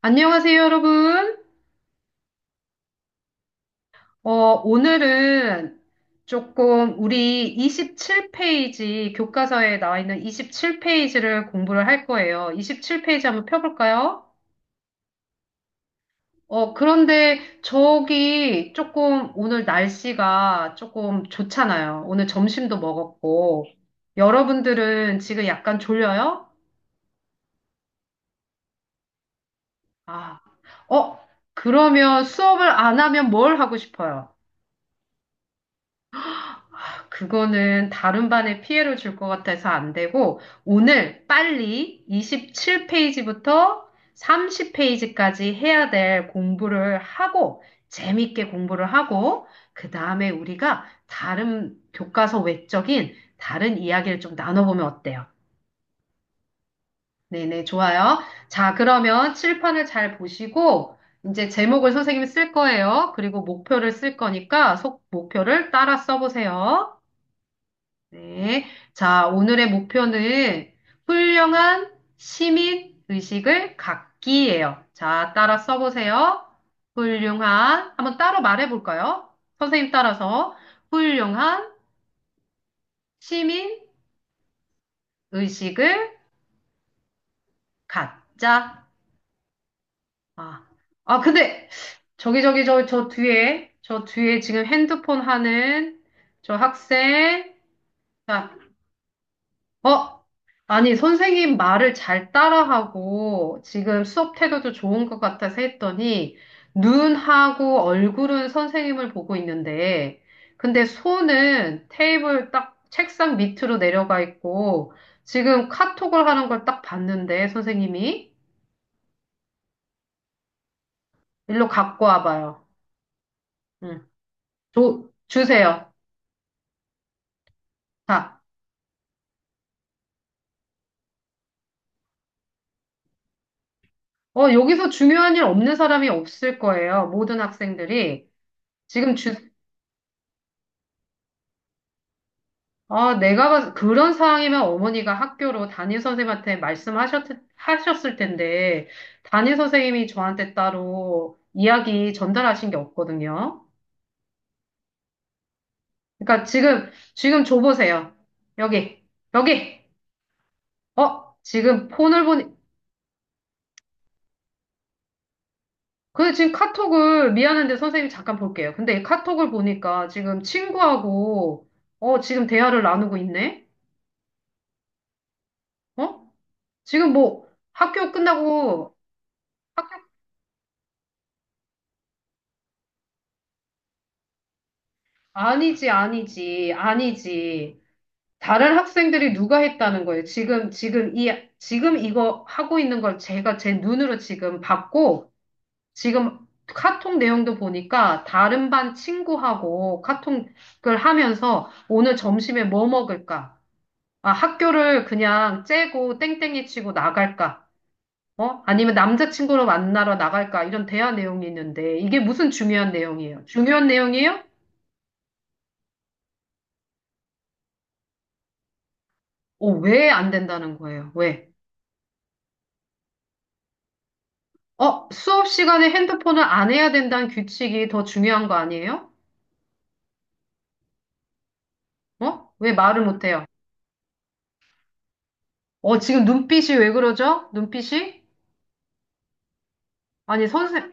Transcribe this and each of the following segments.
안녕하세요, 여러분. 어, 오늘은 조금 우리 27페이지, 교과서에 나와 있는 27페이지를 공부를 할 거예요. 27페이지 한번 펴볼까요? 그런데 저기 조금 오늘 날씨가 조금 좋잖아요. 오늘 점심도 먹었고. 여러분들은 지금 약간 졸려요? 아, 어, 그러면 수업을 안 하면 뭘 하고 싶어요? 그거는 다른 반에 피해를 줄 것 같아서 안 되고, 오늘 빨리 27페이지부터 30페이지까지 해야 될 공부를 하고, 재밌게 공부를 하고, 그 다음에 우리가 다른 교과서 외적인 다른 이야기를 좀 나눠보면 어때요? 네네, 좋아요. 자, 그러면 칠판을 잘 보시고, 이제 제목을 선생님이 쓸 거예요. 그리고 목표를 쓸 거니까, 속 목표를 따라 써보세요. 네. 자, 오늘의 목표는 훌륭한 시민 의식을 갖기예요. 자, 따라 써보세요. 훌륭한, 한번 따로 말해볼까요? 선생님 따라서 훌륭한 시민 의식을 갖자. 아, 아, 근데 저기, 저기, 저, 저 뒤에, 저 뒤에 지금 핸드폰 하는 저 학생. 자, 어? 아니, 선생님 말을 잘 따라하고 지금 수업 태도도 좋은 것 같아서 했더니 눈하고 얼굴은 선생님을 보고 있는데 근데 손은 테이블 딱 책상 밑으로 내려가 있고 지금 카톡을 하는 걸 딱 봤는데 선생님이 일로 갖고 와봐요. 응. 주세요. 자, 어, 여기서 중요한 일 없는 사람이 없을 거예요. 모든 학생들이. 지금 주, 아, 그런 상황이면 어머니가 학교로 담임 선생님한테 하셨을 텐데, 담임 선생님이 저한테 따로 이야기 전달하신 게 없거든요. 그러니까 지금 줘보세요. 여기, 여기! 어, 지금 폰을 보니, 미안한데 선생님 잠깐 볼게요. 근데 이 카톡을 보니까 지금 친구하고, 지금 대화를 나누고 있네? 어? 지금 뭐 학교 끝나고, 아니지. 다른 학생들이 누가 했다는 거예요. 지금 이거 하고 있는 걸 제가 제 눈으로 지금 봤고, 지금 카톡 내용도 보니까 다른 반 친구하고 카톡을 하면서 오늘 점심에 뭐 먹을까? 아, 학교를 그냥 째고 땡땡이 치고 나갈까? 어? 아니면 남자친구를 만나러 나갈까? 이런 대화 내용이 있는데, 이게 무슨 중요한 내용이에요? 중요한 내용이에요? 어, 왜 안 된다는 거예요? 왜? 어, 수업 시간에 핸드폰을 안 해야 된다는 규칙이 더 중요한 거 아니에요? 어? 왜 말을 못 해요? 어, 지금 눈빛이 왜 그러죠? 눈빛이? 아니, 선생,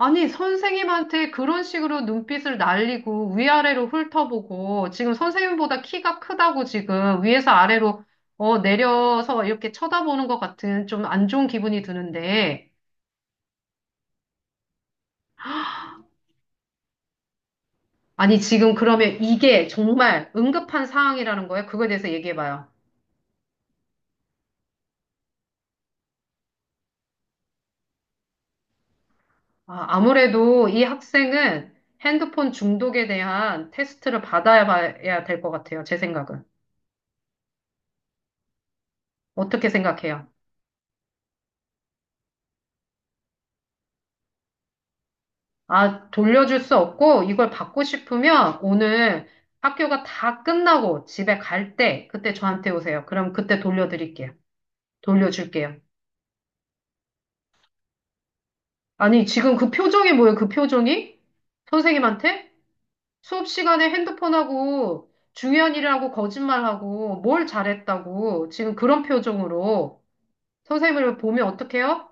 아니, 선생님한테 그런 식으로 눈빛을 날리고 위아래로 훑어보고 지금 선생님보다 키가 크다고 지금 위에서 아래로 내려서 이렇게 쳐다보는 것 같은 좀 안 좋은 기분이 드는데 아니, 지금 그러면 이게 정말 응급한 상황이라는 거예요? 그거에 대해서 얘기해봐요. 아, 아무래도 이 학생은 핸드폰 중독에 대한 테스트를 받아야 봐야 될 것 같아요. 제 생각은. 어떻게 생각해요? 아, 돌려줄 수 없고 이걸 받고 싶으면 오늘 학교가 다 끝나고 집에 갈 때 그때 저한테 오세요. 그럼 그때 돌려드릴게요. 돌려줄게요. 아니, 지금 그 표정이 뭐예요? 그 표정이? 선생님한테? 수업 시간에 핸드폰하고 중요한 일을 하고 거짓말하고 뭘 잘했다고 지금 그런 표정으로 선생님을 보면 어떡해요?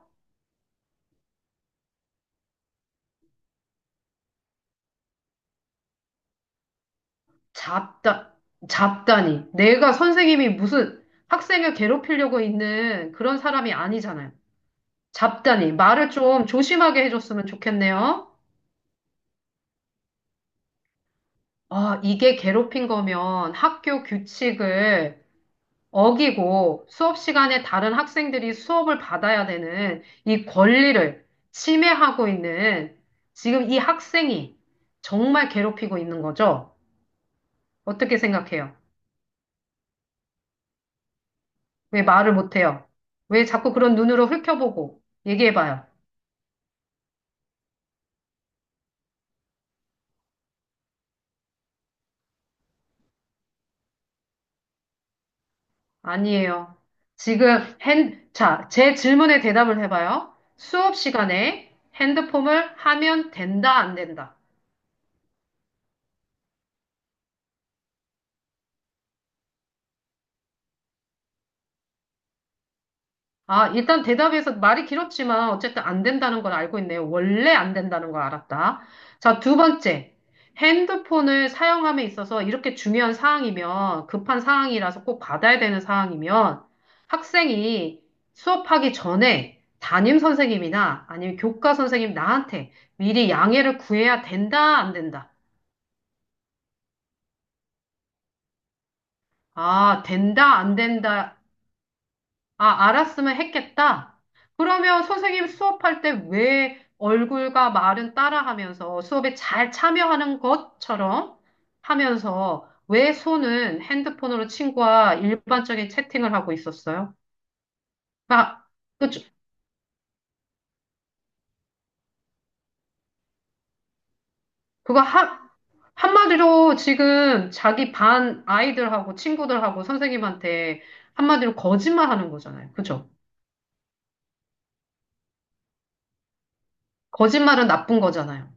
잡다, 잡다니. 내가 선생님이 무슨 학생을 괴롭히려고 있는 그런 사람이 아니잖아요. 잡다니. 말을 좀 조심하게 해줬으면 좋겠네요. 아, 이게 괴롭힌 거면 학교 규칙을 어기고 수업 시간에 다른 학생들이 수업을 받아야 되는 이 권리를 침해하고 있는 지금 이 학생이 정말 괴롭히고 있는 거죠? 어떻게 생각해요? 왜 말을 못해요? 왜 자꾸 그런 눈으로 훑어보고 얘기해봐요? 아니에요. 자, 제 질문에 대답을 해봐요. 수업 시간에 핸드폰을 하면 된다, 안 된다? 아, 일단 대답에서 말이 길었지만 어쨌든 안 된다는 걸 알고 있네요. 원래 안 된다는 걸 알았다. 자, 두 번째. 핸드폰을 사용함에 있어서 이렇게 중요한 사항이면 급한 사항이라서 꼭 받아야 되는 사항이면 학생이 수업하기 전에 담임 선생님이나 아니면 교과 선생님 나한테 미리 양해를 구해야 된다, 안 된다. 아, 된다, 안 된다. 아, 알았으면 했겠다. 그러면 선생님 수업할 때 왜 얼굴과 말은 따라하면서 수업에 잘 참여하는 것처럼 하면서 왜 손은 핸드폰으로 친구와 일반적인 채팅을 하고 있었어요? 아, 그, 그거 한, 한마디로 지금 자기 반 아이들하고 친구들하고 선생님한테 한마디로 거짓말 하는 거잖아요. 그죠? 거짓말은 나쁜 거잖아요.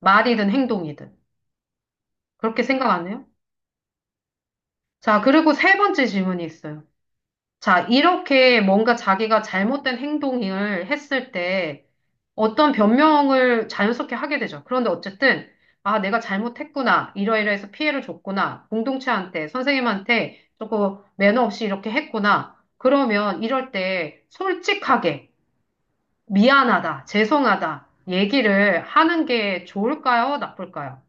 말이든 행동이든. 그렇게 생각 안 해요? 자, 그리고 세 번째 질문이 있어요. 자, 이렇게 뭔가 자기가 잘못된 행동을 했을 때 어떤 변명을 자연스럽게 하게 되죠. 그런데 어쨌든, 아, 내가 잘못했구나. 이러이러해서 피해를 줬구나. 공동체한테, 선생님한테 조금 매너 없이 이렇게 했구나. 그러면 이럴 때 솔직하게 미안하다, 죄송하다 얘기를 하는 게 좋을까요? 나쁠까요?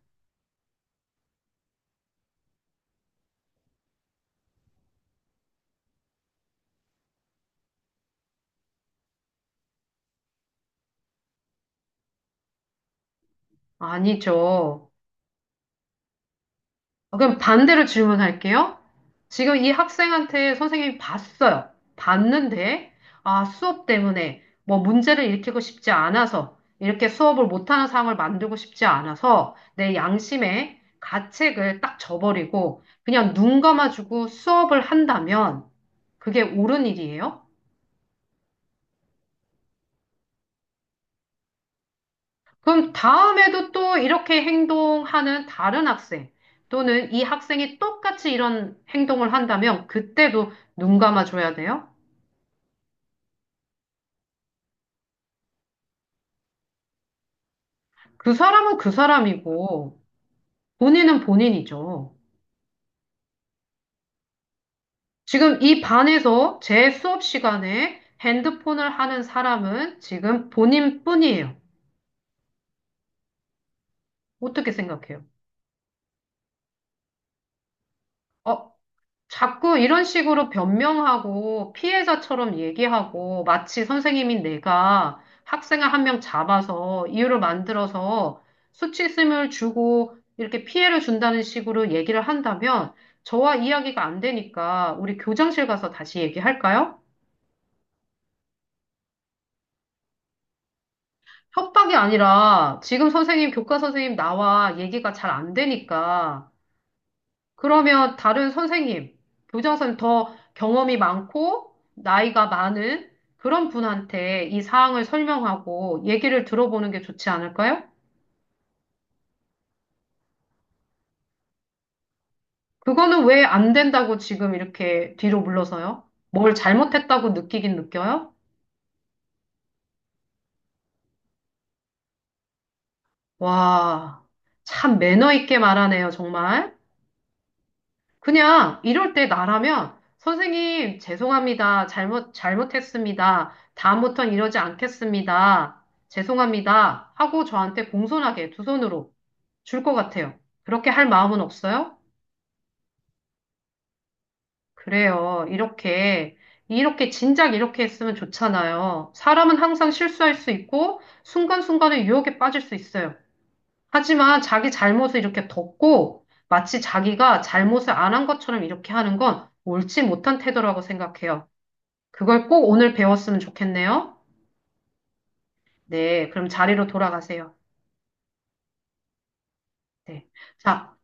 아니죠. 그럼 반대로 질문할게요. 지금 이 학생한테 선생님이 봤어요. 봤는데, 아, 수업 때문에 뭐 문제를 일으키고 싶지 않아서, 이렇게 수업을 못하는 상황을 만들고 싶지 않아서, 내 양심에 가책을 딱 져버리고, 그냥 눈 감아주고 수업을 한다면, 그게 옳은 일이에요? 그럼 다음에도 또 이렇게 행동하는 다른 학생, 또는 이 학생이 똑같이 이런 행동을 한다면, 그때도 눈 감아줘야 돼요? 그 사람은 그 사람이고, 본인은 본인이죠. 지금 이 반에서 제 수업 시간에 핸드폰을 하는 사람은 지금 본인뿐이에요. 어떻게 생각해요? 어, 자꾸 이런 식으로 변명하고 피해자처럼 얘기하고 마치 선생님인 내가 학생을 한 명 잡아서 이유를 만들어서 수치심을 주고 이렇게 피해를 준다는 식으로 얘기를 한다면 저와 이야기가 안 되니까 우리 교장실 가서 다시 얘기할까요? 협박이 아니라 지금 선생님, 교과 선생님 나와 얘기가 잘 안 되니까 그러면 다른 선생님, 교장 선생님 더 경험이 많고 나이가 많은 그런 분한테 이 사항을 설명하고 얘기를 들어보는 게 좋지 않을까요? 그거는 왜 안 된다고 지금 이렇게 뒤로 물러서요? 뭘 잘못했다고 느끼긴 느껴요? 와, 참 매너 있게 말하네요, 정말. 그냥 이럴 때 나라면 선생님 죄송합니다. 잘못했습니다. 다부터는 이러지 않겠습니다. 죄송합니다. 하고 저한테 공손하게 두 손으로 줄 것 같아요. 그렇게 할 마음은 없어요? 그래요. 이렇게 진작 이렇게 했으면 좋잖아요. 사람은 항상 실수할 수 있고 순간순간에 유혹에 빠질 수 있어요. 하지만 자기 잘못을 이렇게 덮고 마치 자기가 잘못을 안 한 것처럼 이렇게 하는 건 옳지 못한 태도라고 생각해요. 그걸 꼭 오늘 배웠으면 좋겠네요. 네, 그럼 자리로 돌아가세요. 네. 자,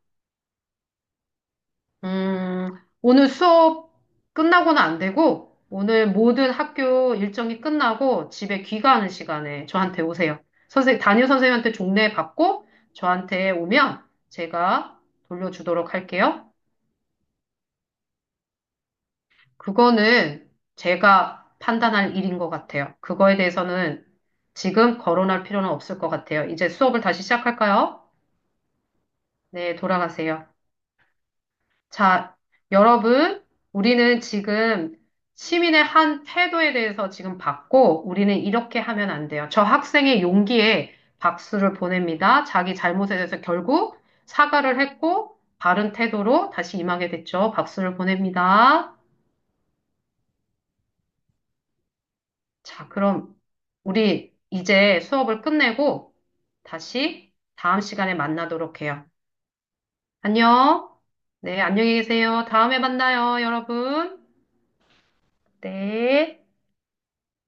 음, 오늘 수업 끝나고는 안 되고, 오늘 모든 학교 일정이 끝나고 집에 귀가하는 시간에 저한테 오세요. 담임 선생님한테 종례 받고 저한테 오면 제가 돌려주도록 할게요. 그거는 제가 판단할 일인 것 같아요. 그거에 대해서는 지금 거론할 필요는 없을 것 같아요. 이제 수업을 다시 시작할까요? 네, 돌아가세요. 자, 여러분, 우리는 지금 시민의 한 태도에 대해서 지금 받고, 우리는 이렇게 하면 안 돼요. 저 학생의 용기에 박수를 보냅니다. 자기 잘못에 대해서 결국 사과를 했고, 바른 태도로 다시 임하게 됐죠. 박수를 보냅니다. 자, 그럼 우리 이제 수업을 끝내고 다시 다음 시간에 만나도록 해요. 안녕. 네, 안녕히 계세요. 다음에 만나요, 여러분. 네.